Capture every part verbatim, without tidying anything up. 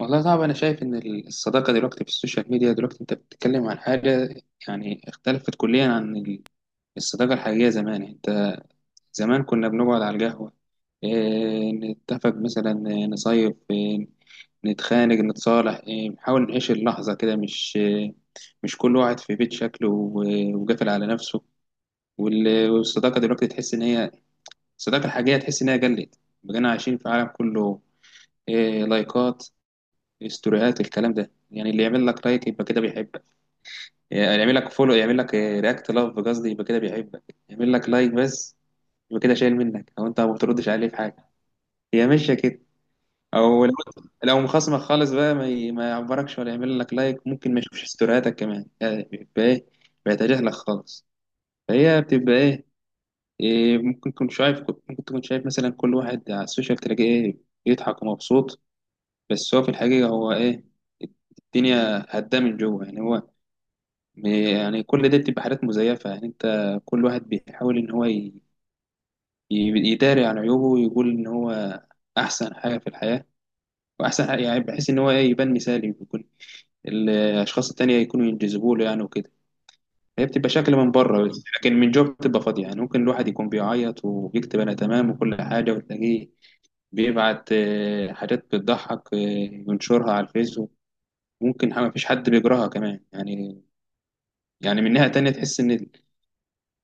والله صعب. أنا شايف إن الصداقة دلوقتي في السوشيال ميديا دلوقتي أنت بتتكلم عن حاجة يعني اختلفت كليا عن الصداقة الحقيقية زمان. يعني أنت زمان كنا بنقعد على القهوة، إيه نتفق مثلا، إيه، نصيف، إيه نتخانق نتصالح، إيه نحاول نعيش اللحظة كده، مش إيه مش كل واحد في بيت شكله و- وقافل على نفسه. وال- والصداقة دلوقتي تحس إن هي الصداقة الحقيقية تحس إن هي قلت، بقينا عايشين في عالم كله إيه، لايكات، استوريات، الكلام ده يعني اللي يعمل لك لايك يبقى كده بيحبك، يعني يعمل لك فولو يعمل لك رياكت لاف قصدي يبقى كده بيحبك، يعمل لك لايك بس يبقى كده شايل منك او انت ما بتردش عليه في حاجه، هي ماشيه كده. او لو لو مخصمك خالص بقى ما ي- ما يعبركش ولا يعمل لك لايك، ممكن ما يشوفش استورياتك كمان يعني بيبقى ايه، بيتجاهلك خالص. فهي بتبقى ايه، إيه، ممكن تكون شايف ممكن تكون شايف مثلا كل واحد على السوشيال تلاقيه ايه بيضحك ومبسوط، بس هو في الحقيقه هو ايه، الدنيا هدا من جوه يعني هو م- يعني كل ده بتبقى حاجات مزيفة. يعني انت كل واحد بيحاول ان هو ي- ي- يداري عن عيوبه ويقول ان هو احسن حاجة في الحياة، واحسن حاجة يعني بحيث ان هو ايه يبان مثالي، بيكون الاشخاص التانية يكونوا ينجذبوا له يعني وكده. هي بتبقى شكل من بره بس لكن من جوه بتبقى فاضية، يعني ممكن الواحد يكون بيعيط وبيكتب انا تمام وكل حاجة وتلاقيه بيبعت آه، حاجات بتضحك آه، ينشرها على الفيسبوك، ممكن ما فيش حد بيقراها كمان يعني. يعني من ناحية تانية تحس ان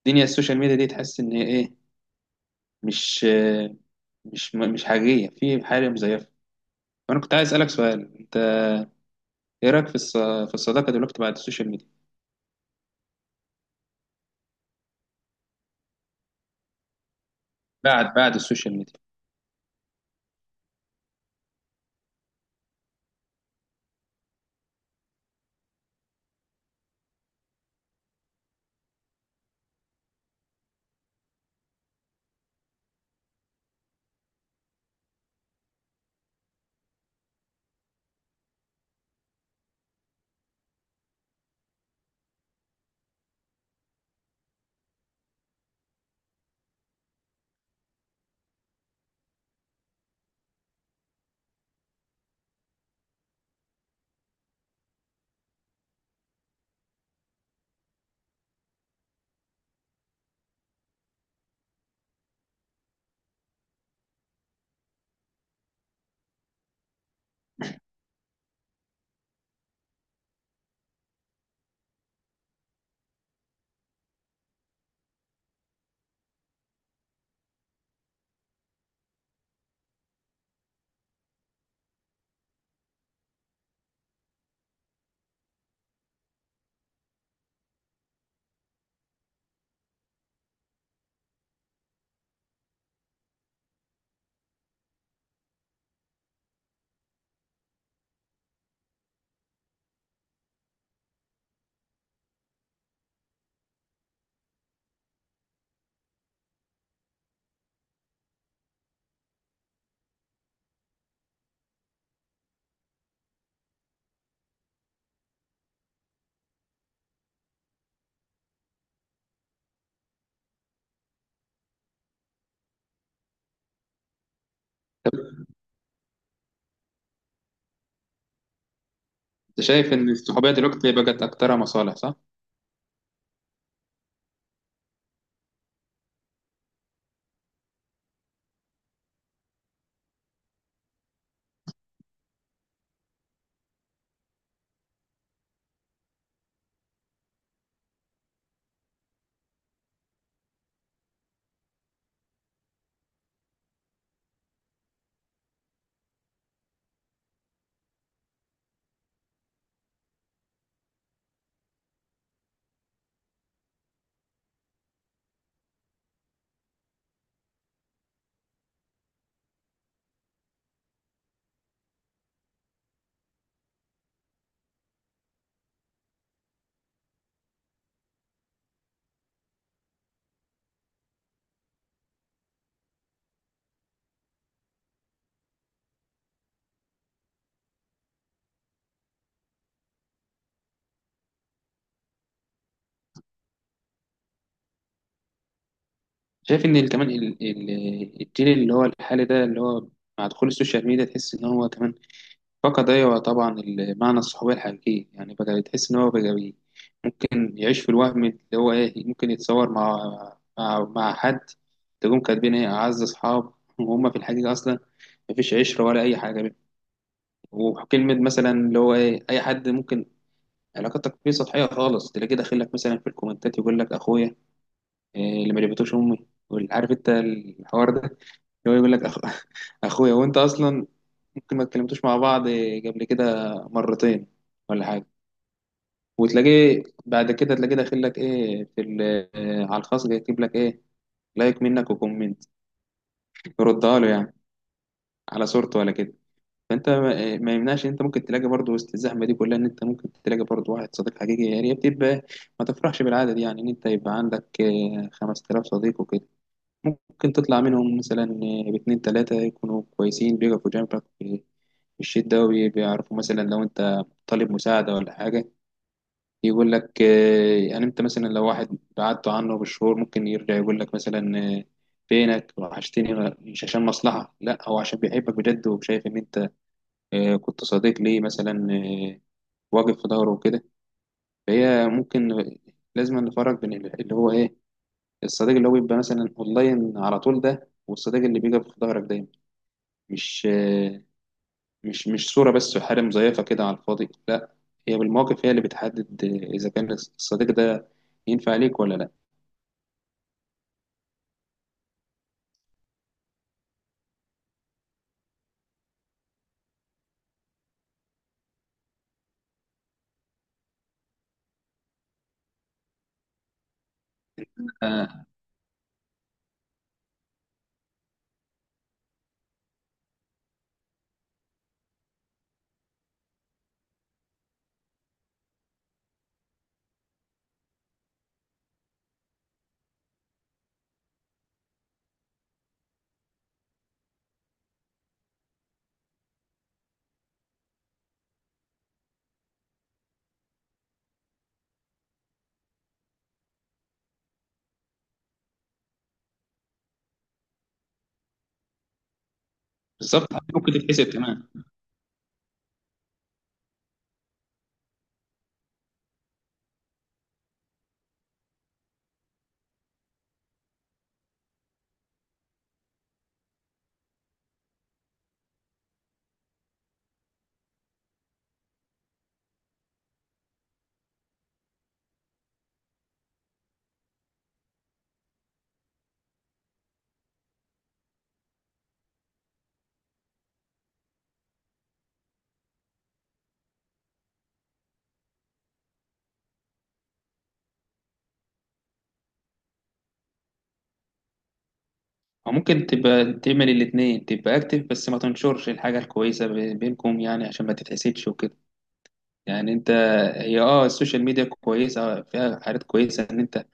الدنيا السوشيال ميديا دي تحس ان ايه مش مش مش حقيقية، في حاجة مزيفة. وأنا كنت عايز أسألك سؤال، أنت إيه رأيك في الص- في الصداقة دلوقتي بعد السوشيال ميديا؟ بعد بعد السوشيال ميديا. أنت شايف إن الصحوبية دلوقتي بقت أكترها مصالح صح؟ شايف إن ال- كمان ال- ال- الجيل اللي هو الحالي ده اللي هو مع دخول السوشيال ميديا تحس إن هو كمان فقد، أيوة طبعا، معنى الصحوبية الحقيقية. يعني بقى تحس إن هو بقى بي- ممكن يعيش في الوهم اللي هو إيه، ممكن يتصور مع مع, مع حد، تقوم كاتبين إيه أعز أصحاب وهم في الحقيقة أصلا مفيش عشرة ولا أي حاجة بينهم. وكلمة مثلا اللي هو إيه أي حد ممكن علاقتك فيه سطحية خالص تلاقيه داخل لك مثلا في الكومنتات يقول لك أخويا إيه اللي ما جابتوش أمي، عارف أنت الحوار ده اللي هو يقول لك أخ... أخويا، وأنت أصلا ممكن ما اتكلمتوش مع بعض قبل كده مرتين ولا حاجة. وتلاقيه بعد كده تلاقيه داخل لك ايه في ال- آه، على الخاص يكتب لك ايه لايك منك وكومنت يردها له، يعني على صورته ولا كده. فانت ما آه، ما يمنعش إن انت ممكن تلاقي برضه وسط الزحمه دي كلها ان انت ممكن تلاقي برضه واحد صديق حقيقي، يعني هي بتبقى ما تفرحش بالعاده دي يعني ان انت يبقى عندك آه، خمس آلاف صديق وكده، ممكن تطلع منهم مثلا آه، باتنين تلاته يكونوا كويسين بيقفوا جنبك في في الشدة، وبيعرفوا مثلا لو انت طالب مساعدة ولا حاجة، يقول لك آه، يعني انت مثلا لو واحد بعدت عنه بالشهور ممكن يرجع يقول لك مثلا آه، فينك وحشتني، غ- مش عشان مصلحة، لا هو عشان بيحبك بجد وشايف ان انت آه، كنت صديق ليه مثلا آه، واقف في ظهره وكده. فهي ممكن لازم نفرق بين ال- اللي هو ايه الصديق اللي هو بيبقى مثلا اونلاين على طول ده والصديق اللي بيقف في ظهرك دايما، مش آه، مش مش صورة بس وحاله مزيفة كده على الفاضي، لا. هي بالمواقف هي اللي بتحدد آه، اذا كان الصديق ده ينفع ليك ولا لا. آه. بالظبط، ممكن تتحسب كمان. او ممكن تبقى تعمل الاثنين، تبقى اكتف بس ما تنشرش الحاجه الكويسه بي- بينكم يعني عشان ما تتحسدش وكده. يعني انت هي اه السوشيال ميديا كويسه، فيها حاجات كويسه ان انت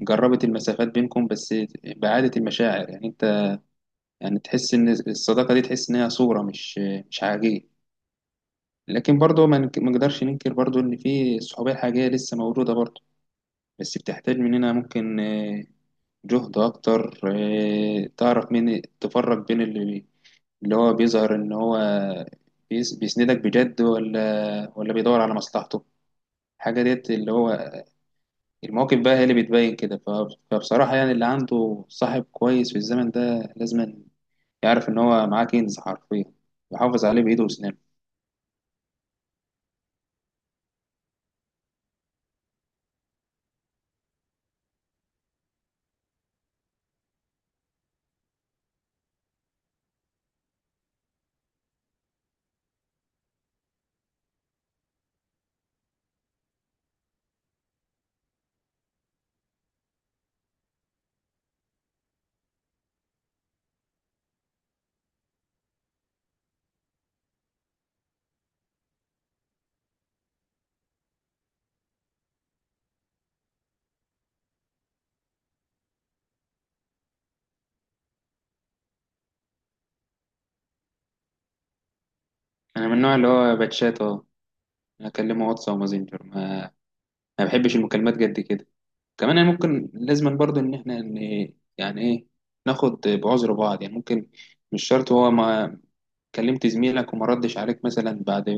جربت المسافات بينكم، بس بعاده المشاعر. يعني انت يعني تحس ان الصداقه دي تحس ان هي صوره مش مش حقيقيه، لكن برضه ما نك- ما نقدرش ننكر برضه ان في الصحوبيه الحقيقيه لسه موجوده برضه، بس بتحتاج مننا ممكن جهد أكتر. آه، تعرف مين تفرق بين اللي اللي هو بيظهر إن هو بيس- بيسندك بجد ولا ولا بيدور على مصلحته. حاجة ديت اللي هو المواقف بقى هي اللي بتبين كده. ف- فبصراحة يعني اللي عنده صاحب كويس في الزمن ده لازم يعرف إن هو معاه كنز حرفيا، يحافظ عليه بإيده وأسنانه. أنا من النوع اللي هو باتشات أه، أكلمه واتس أو ماسنجر، ما ما بحبش المكالمات جد كده. كمان يعني ممكن لازم برضو ان احنا ن- يعني ايه، ناخد بعذر بعض. يعني ممكن مش شرط هو ما كلمت زميلك وما ردش عليك مثلا بعد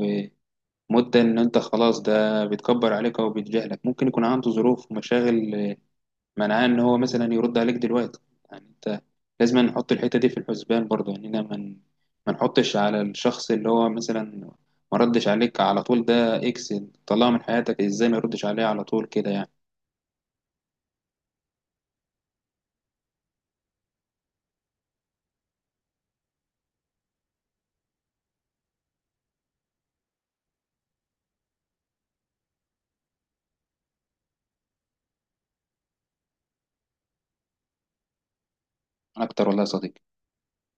مدة ان انت خلاص ده بيتكبر عليك او بيتجاهلك، ممكن يكون عنده ظروف ومشاغل منعاه ان هو مثلا يرد عليك دلوقتي. يعني انت لازم نحط الحتة دي في الحسبان برضو، يعني إننا ما ن- ما نحطش على الشخص اللي هو مثلا ما ردش عليك على طول ده اكس، طلعه من حياتك. ازاي ما يردش عليه على طول كده يعني. انا اكتر والله يا صديقي.